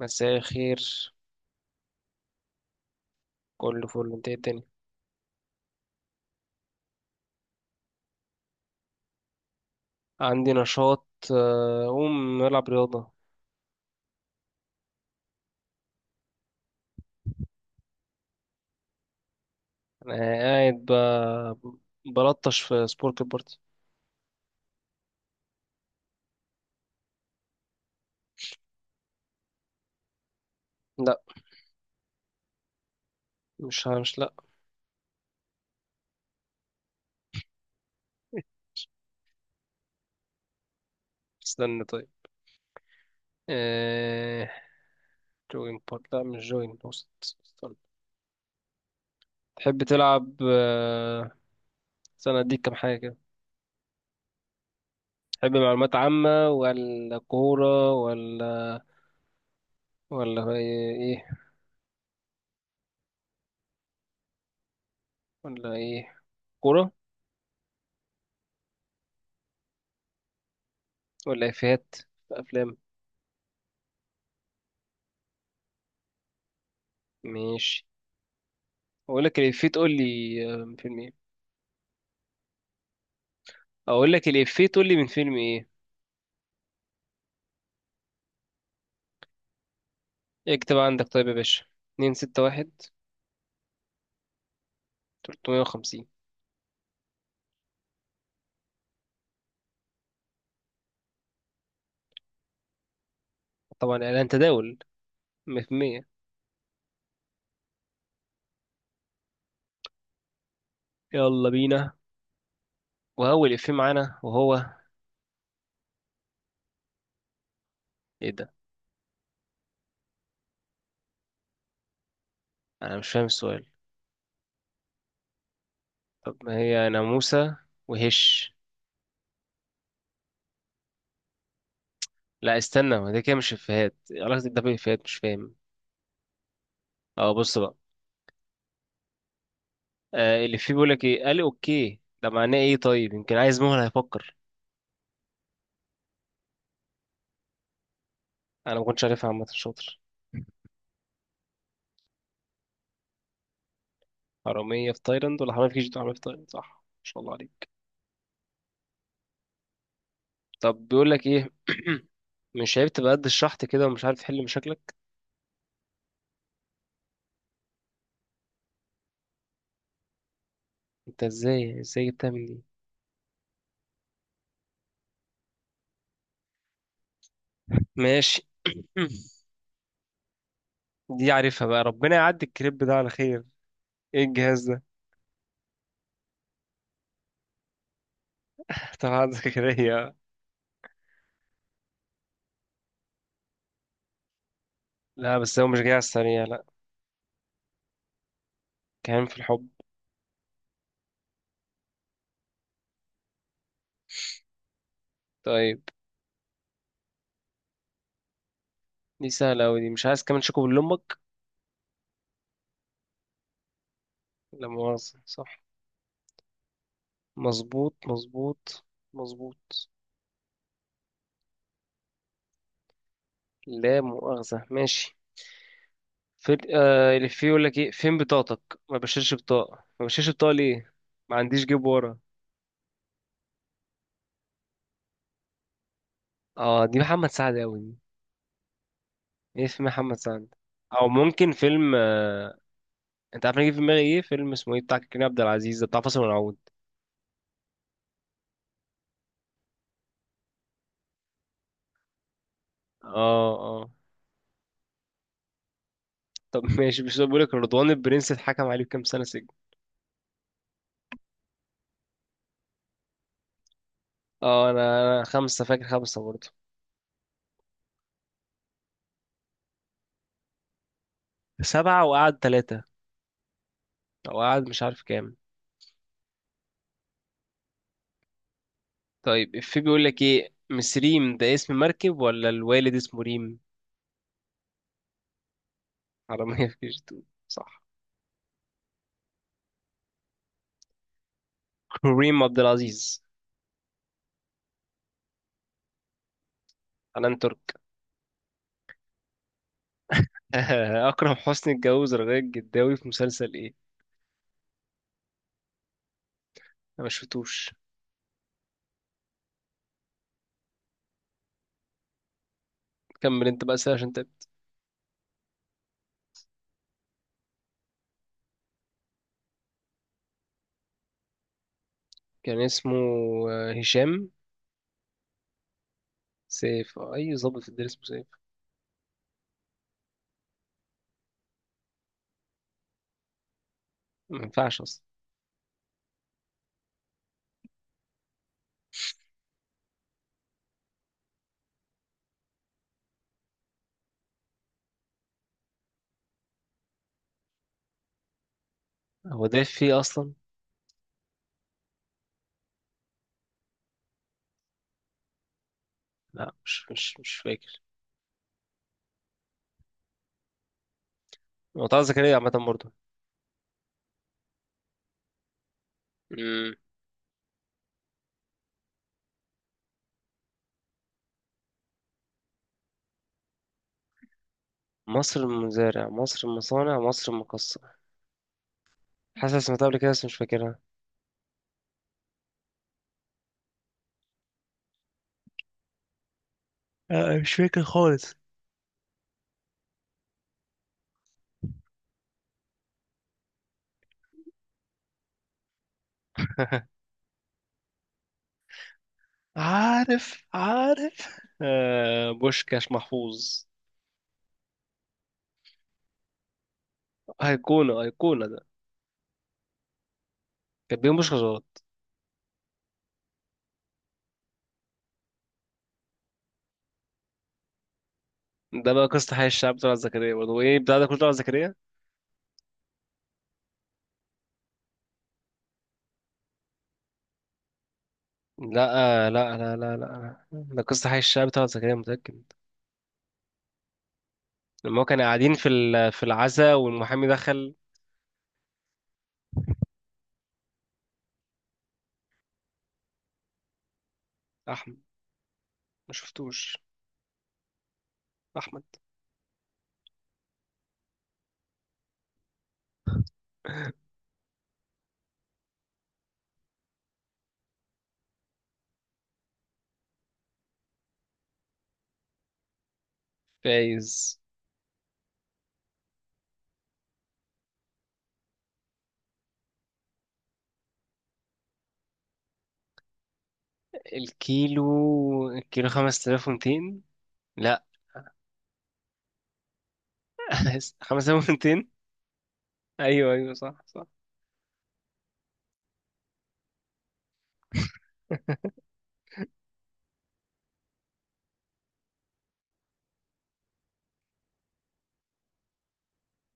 مساء الخير. كله فل، انت ايه الدنيا؟ عندي نشاط، اقوم العب رياضه. انا قاعد ب- بلطش في سبورك البارتي. لا، مش، لا. استنى، طيب. آه... جوين بارت، لا مش جوين، بوست، استنى. تحب تلعب؟ استنى اديك كام حاجه كده. تحب معلومات عامه ولا كوره ولا ايه؟ ولا ايه كوره، ولا افيهات، افلام؟ ماشي. اقول لك الافيه تقول لي، آه، من فيلم ايه اقول لك الافيه تقول لي من فيلم ايه. اكتب عندك، طيب يا باشا. 261. 350. طبعا اعلان تداول، 100%. يلا بينا. وهو الافيه معانا، ايه ده؟ انا مش فاهم السؤال. طب ما هي ناموسة وهش. لا استنى، ما ده كده مش افيهات، إيه علاقة ده بالافيهات؟ مش فاهم. اه، بص بقى. الافيه بيقول لك ايه قال اوكي، ده معناه ايه؟ طيب يمكن عايز مهلة هيفكر. انا ما كنتش عارفها، عامة شاطر. حرامية في تايلاند ولا حرامية في كيجي؟ حرامية في تايلاند، صح، ما شاء الله عليك. طب بيقول لك ايه مش عارف تبقى قد الشحط كده ومش عارف تحل مشاكلك. انت ازاي جبتها من دي؟ ماشي. دي عارفها بقى، ربنا يعدي الكريب ده على خير. ايه الجهاز ده؟ طب عندك كده. لا بس هو مش جاي على السريع، لا. كان في الحب. طيب. دي سهلة أوي دي، مش عايز كمان شوكو لأمك. لا مؤاخذة صح. مظبوط، مظبوط، مظبوط. لا مؤاخذة، ماشي. فين، اللي فيه يقول لك ايه، فين بطاقتك، ما بشيلش بطاقة، ما بشيلش بطاقة ليه؟ ما عنديش جيب ورا. اه، دي محمد سعد قوي دي. ايه في محمد سعد؟ او ممكن فيلم، انت عارف انا جه في دماغي ايه، فيلم اسمه ايه بتاع كريم عبد العزيز ده بتاع فاصل ونعود. اه، اه. طب ماشي، مش بقول لك رضوان البرنس اتحكم عليه بكام سنة سجن؟ اه، انا خمسة فاكر، خمسة برضه. سبعة وقعد ثلاثة. او قعد مش عارف كام. طيب في بيقول لك ايه مسريم ده، اسم مركب ولا الوالد اسمه ريم؟ حرامية في كيجي 2، صح. كريم عبد العزيز. حنان ترك. أكرم حسني اتجوز رغاية الجداوي في مسلسل إيه؟ أنا ما شفتوش. كمل أنت بقى سهل عشان تقل. كان اسمه، هشام. سيف، أي ظابط في الدنيا اسمه سيف. ما ينفعش أصلا. هو ده فيه أصلا؟ لا، مش فاكر. هو طه زكريا عامة برضه. مم. مصر المزارع، مصر المصانع، مصر المقصة. حاسس إني سمعتها قبل كده، بس مش فاكرها. مش فاكر خالص. عارف، عارف، بوشكاش محفوظ. أيقونة، أيقونة ده. كان بيهم مش غلط. ده بقى قصة حي الشعب طلعت زكريا برضه، وإيه بتاع ده كله؟ طلعت زكريا؟ لا، لا، لا، لا، لا، ده قصة حي الشعب طلعت زكريا، متأكد. لما هو كانوا قاعدين في العزا والمحامي دخل. أحمد. ما شفتوش. أحمد. فايز. الكيلو 5200. لا. 5200. أيوه، أيوه، صح، صح.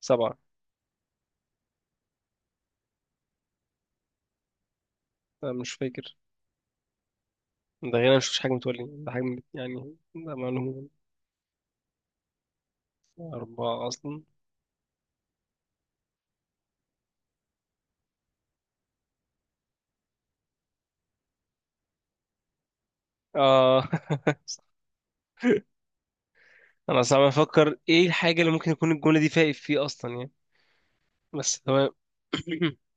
سبعة. أنا مش فاكر. ده غير أنا مشفتش حاجة، متولي ده حاجة، يعني ده معلومة. أربعة أصلا. آه أنا صعب أفكر إيه الحاجة اللي ممكن يكون الجملة دي فايق فيه أصلا يعني. بس تمام.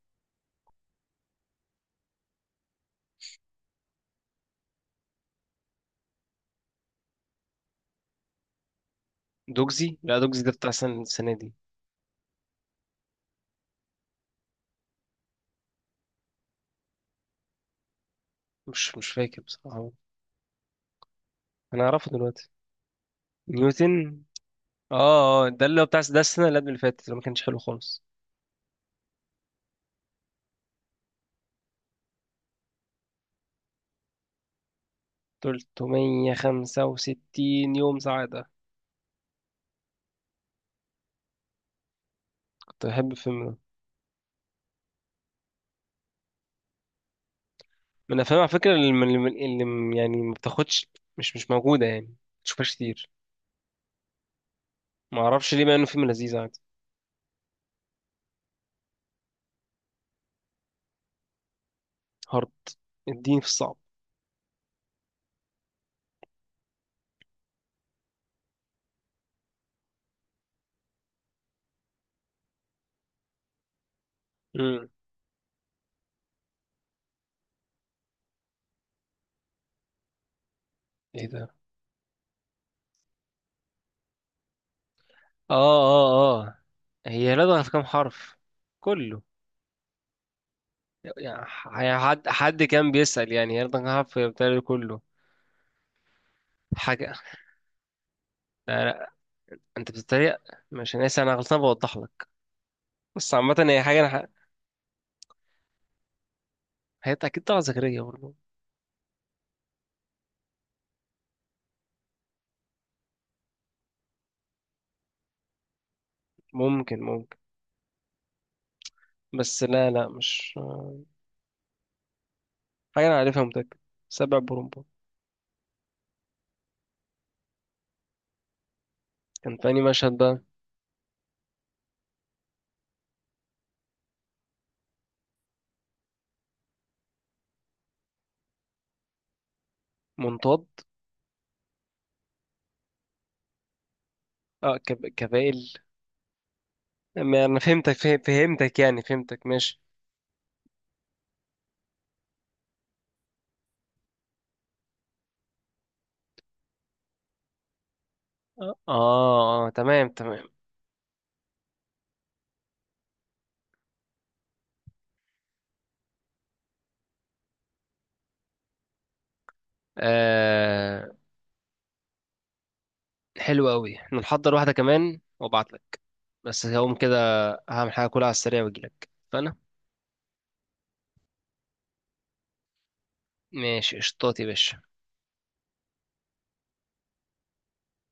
دوجزي، لا دوجزي ده بتاع سنة، السنة دي. مش فاكر بصراحة. أنا أعرفه دلوقتي. نيوتن. آه، آه، ده اللي هو بتاع ده السنة اللي قبل اللي فاتت اللي ما كانش حلو خالص. 365 يوم سعادة. كنت بحب الفيلم ده. من الأفلام على فكرة اللي يعني ما بتاخدش. مش موجودة، يعني ما تشوفهاش كتير. ما أعرفش ليه، مع إنه فيلم لذيذ عادي. هارد. اديني في الصعب. امم ايه ده؟ اه، اه، اه. هي لدغة في كام حرف؟ كله. يعني حد كان بيسأل يعني هي لدغة كام حرف، هي بتهيألي كله. حاجة. لا، لا، انت بتتريق. مش، انا اسف انا غلطان بوضح لك. بس عامة هي حاجة انا. هي اكيد طلعت زكريا برضه. ممكن، ممكن. بس لا، لا، مش. حاجة انا عارفها متأكد. سبع برومبا. كان في أنهي مشهد بقى؟ منطاد. اه كبائل. ما انا فهمتك، فهمتك يعني، فهمتك، ماشي. اه، اه، تمام، تمام. آه. حلو قوي، نحضر واحده كمان وابعت لك بس هقوم كده. هعمل حاجه كلها على السريع واجيلك فانا. ماشي قشطات يا باشا.